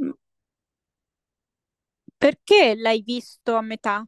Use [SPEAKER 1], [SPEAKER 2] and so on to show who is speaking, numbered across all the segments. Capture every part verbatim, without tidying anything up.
[SPEAKER 1] M- Perché l'hai visto a metà?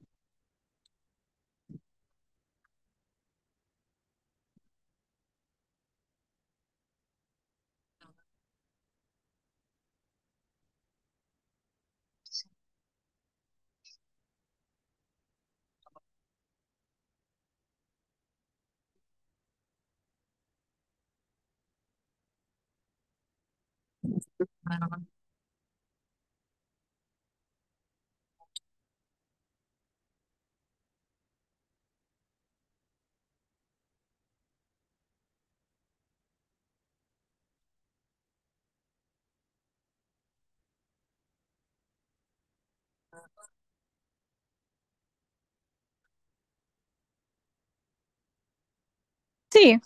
[SPEAKER 1] Sì,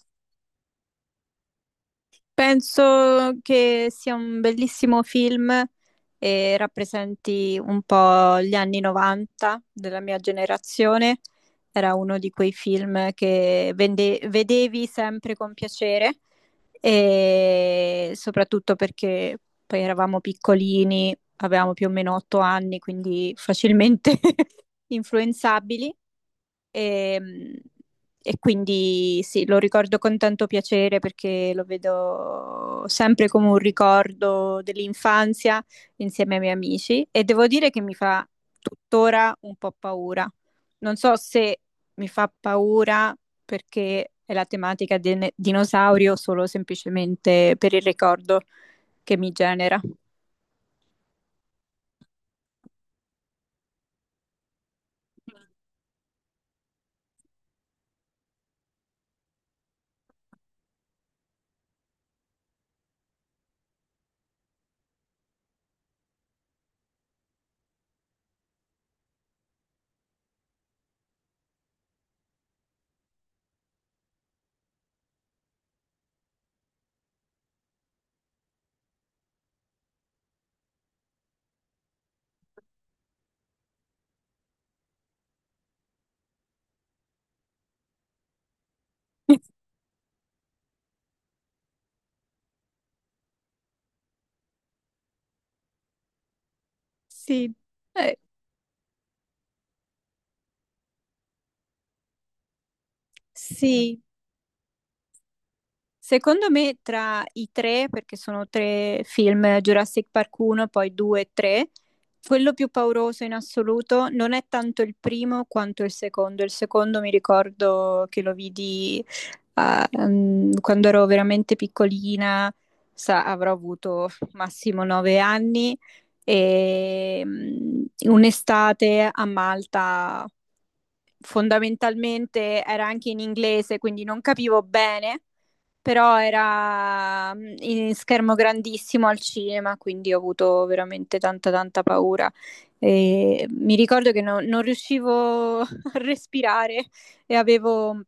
[SPEAKER 1] penso che sia un bellissimo film e rappresenti un po' gli anni novanta della mia generazione. Era uno di quei film che vende- vedevi sempre con piacere e soprattutto perché poi eravamo piccolini, avevamo più o meno otto anni, quindi facilmente influenzabili. E, e quindi sì, lo ricordo con tanto piacere perché lo vedo sempre come un ricordo dell'infanzia insieme ai miei amici e devo dire che mi fa tuttora un po' paura. Non so se mi fa paura perché è la tematica del dinosaurio solo semplicemente per il ricordo che mi genera. Sì, eh, sì. Secondo me tra i tre, perché sono tre film, Jurassic Park uno, poi due e tre, quello più pauroso in assoluto non è tanto il primo quanto il secondo. Il secondo mi ricordo che lo vidi ah, mm, quando ero veramente piccolina, sa- avrò avuto massimo nove anni, e mm, un'estate a Malta fondamentalmente era anche in inglese, quindi non capivo bene, però era mm, in schermo grandissimo al cinema, quindi ho avuto veramente tanta tanta paura. E mi ricordo che no- non riuscivo a respirare e avevo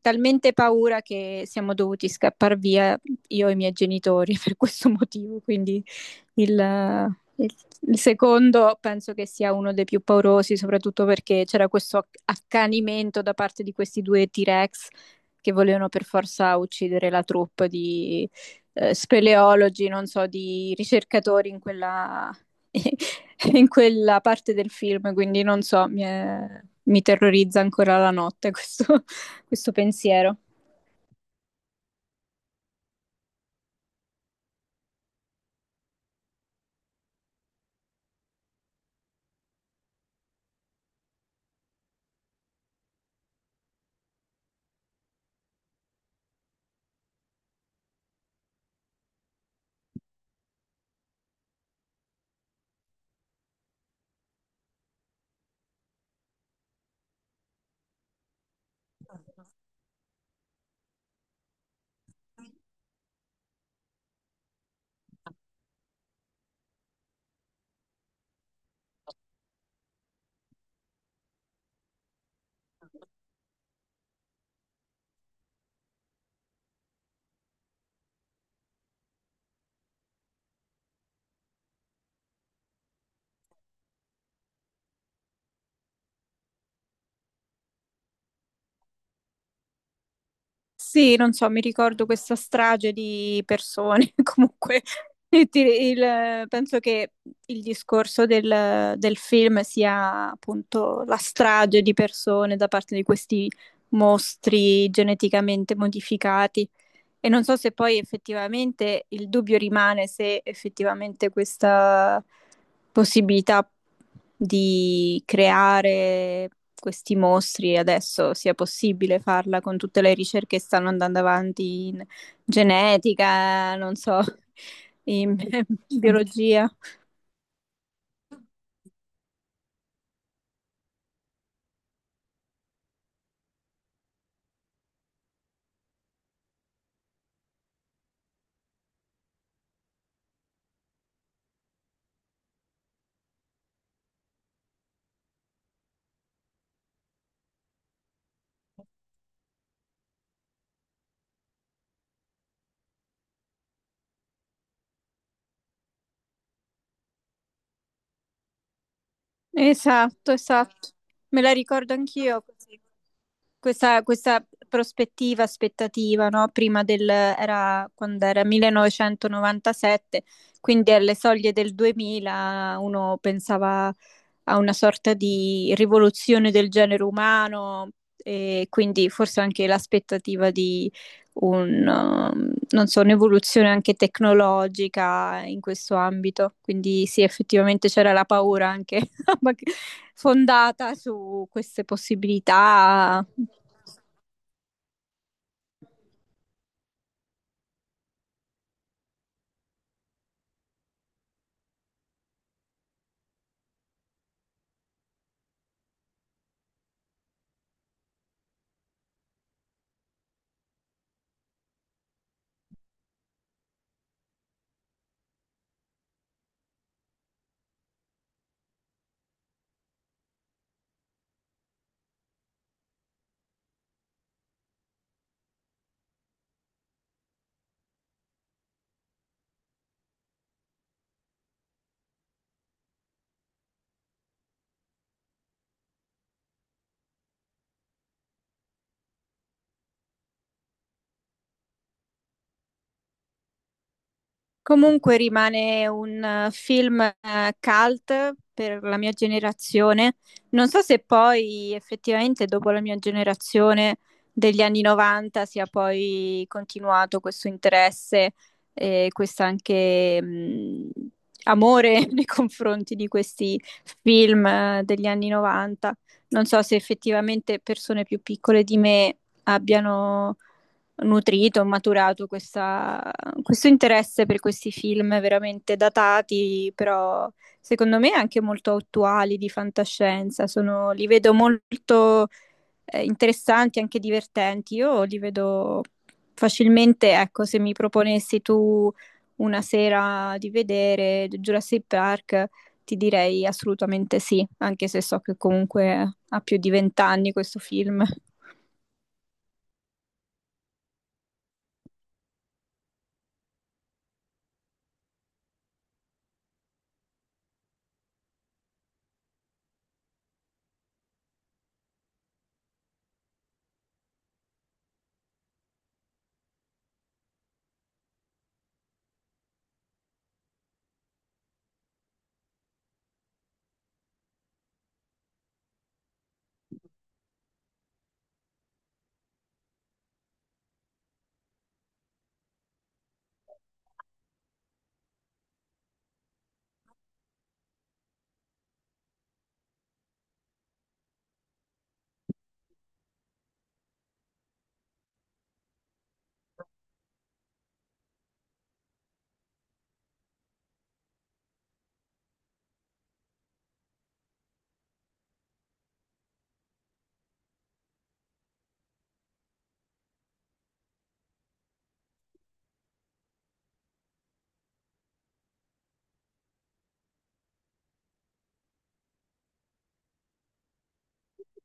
[SPEAKER 1] talmente paura che siamo dovuti scappare via io e i miei genitori per questo motivo, quindi il, il- il secondo penso che sia uno dei più paurosi, soprattutto perché c'era questo acc- accanimento da parte di questi due T-Rex che volevano per forza uccidere la troupe di eh, speleologi, non so, di ricercatori in quella, in quella parte del film, quindi non so, mi, è- mi terrorizza ancora la notte questo questo pensiero. Sì, non so, mi ricordo questa strage di persone, comunque il- il- penso che il discorso del, del film sia appunto la strage di persone da parte di questi mostri geneticamente modificati. E non so se poi effettivamente il dubbio rimane se effettivamente questa possibilità di creare questi mostri adesso sia possibile farla con tutte le ricerche che stanno andando avanti in genetica, non so, in biologia. Esatto, esatto. Me la ricordo anch'io così. Questa, questa prospettiva, aspettativa, no? Prima del, era quando era millenovecentonovantasette, quindi alle soglie del duemila uno pensava a una sorta di rivoluzione del genere umano e quindi forse anche l'aspettativa di un, um, non so, un'evoluzione anche tecnologica in questo ambito. Quindi sì, effettivamente c'era la paura anche fondata su queste possibilità. Comunque rimane un eh, film eh, cult per la mia generazione. Non so se poi effettivamente dopo la mia generazione degli anni novanta sia poi continuato questo interesse e questo anche mh, amore nei confronti di questi film eh, degli anni novanta. Non so se effettivamente persone più piccole di me abbiano nutrito, ho maturato questa- questo interesse per questi film veramente datati, però secondo me anche molto attuali di fantascienza. Sono- li vedo molto eh, interessanti, anche divertenti. Io li vedo facilmente, ecco, se mi proponessi tu una sera di vedere Jurassic Park. Ti direi assolutamente sì, anche se so che comunque ha più di vent'anni questo film.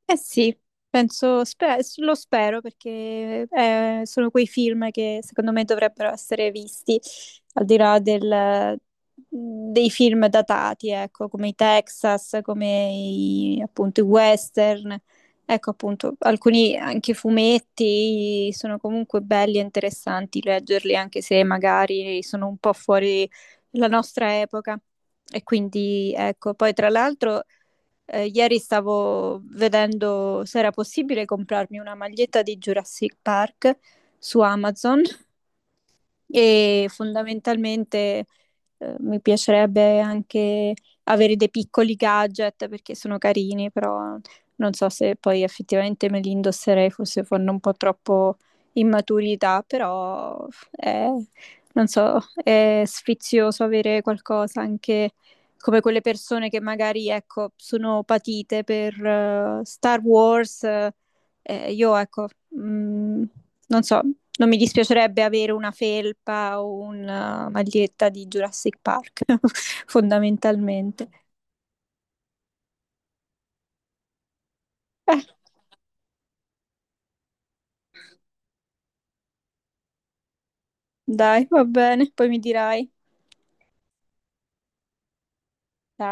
[SPEAKER 1] Eh sì, penso, spe- lo spero perché eh, sono quei film che secondo me dovrebbero essere visti, al di là del- mhmm, dei film datati, ecco, come i Texas, come i, appunto i western, ecco appunto alcuni anche fumetti sono comunque belli e interessanti leggerli anche se magari sono un po' fuori la nostra epoca. E quindi ecco, poi tra l'altro... Eh, ieri stavo vedendo se era possibile comprarmi una maglietta di Jurassic Park su Amazon e fondamentalmente eh, mi piacerebbe anche avere dei piccoli gadget perché sono carini, però non so se poi effettivamente me li indosserei, forse fanno un po' troppo immaturità, però è, non so, è sfizioso avere qualcosa anche come quelle persone che magari, ecco, sono patite per eh, Star Wars. Eh, io, ecco, mm, non so, non mi dispiacerebbe avere una felpa o una maglietta di Jurassic Park, fondamentalmente. Dai, va bene, poi mi dirai. Ciao.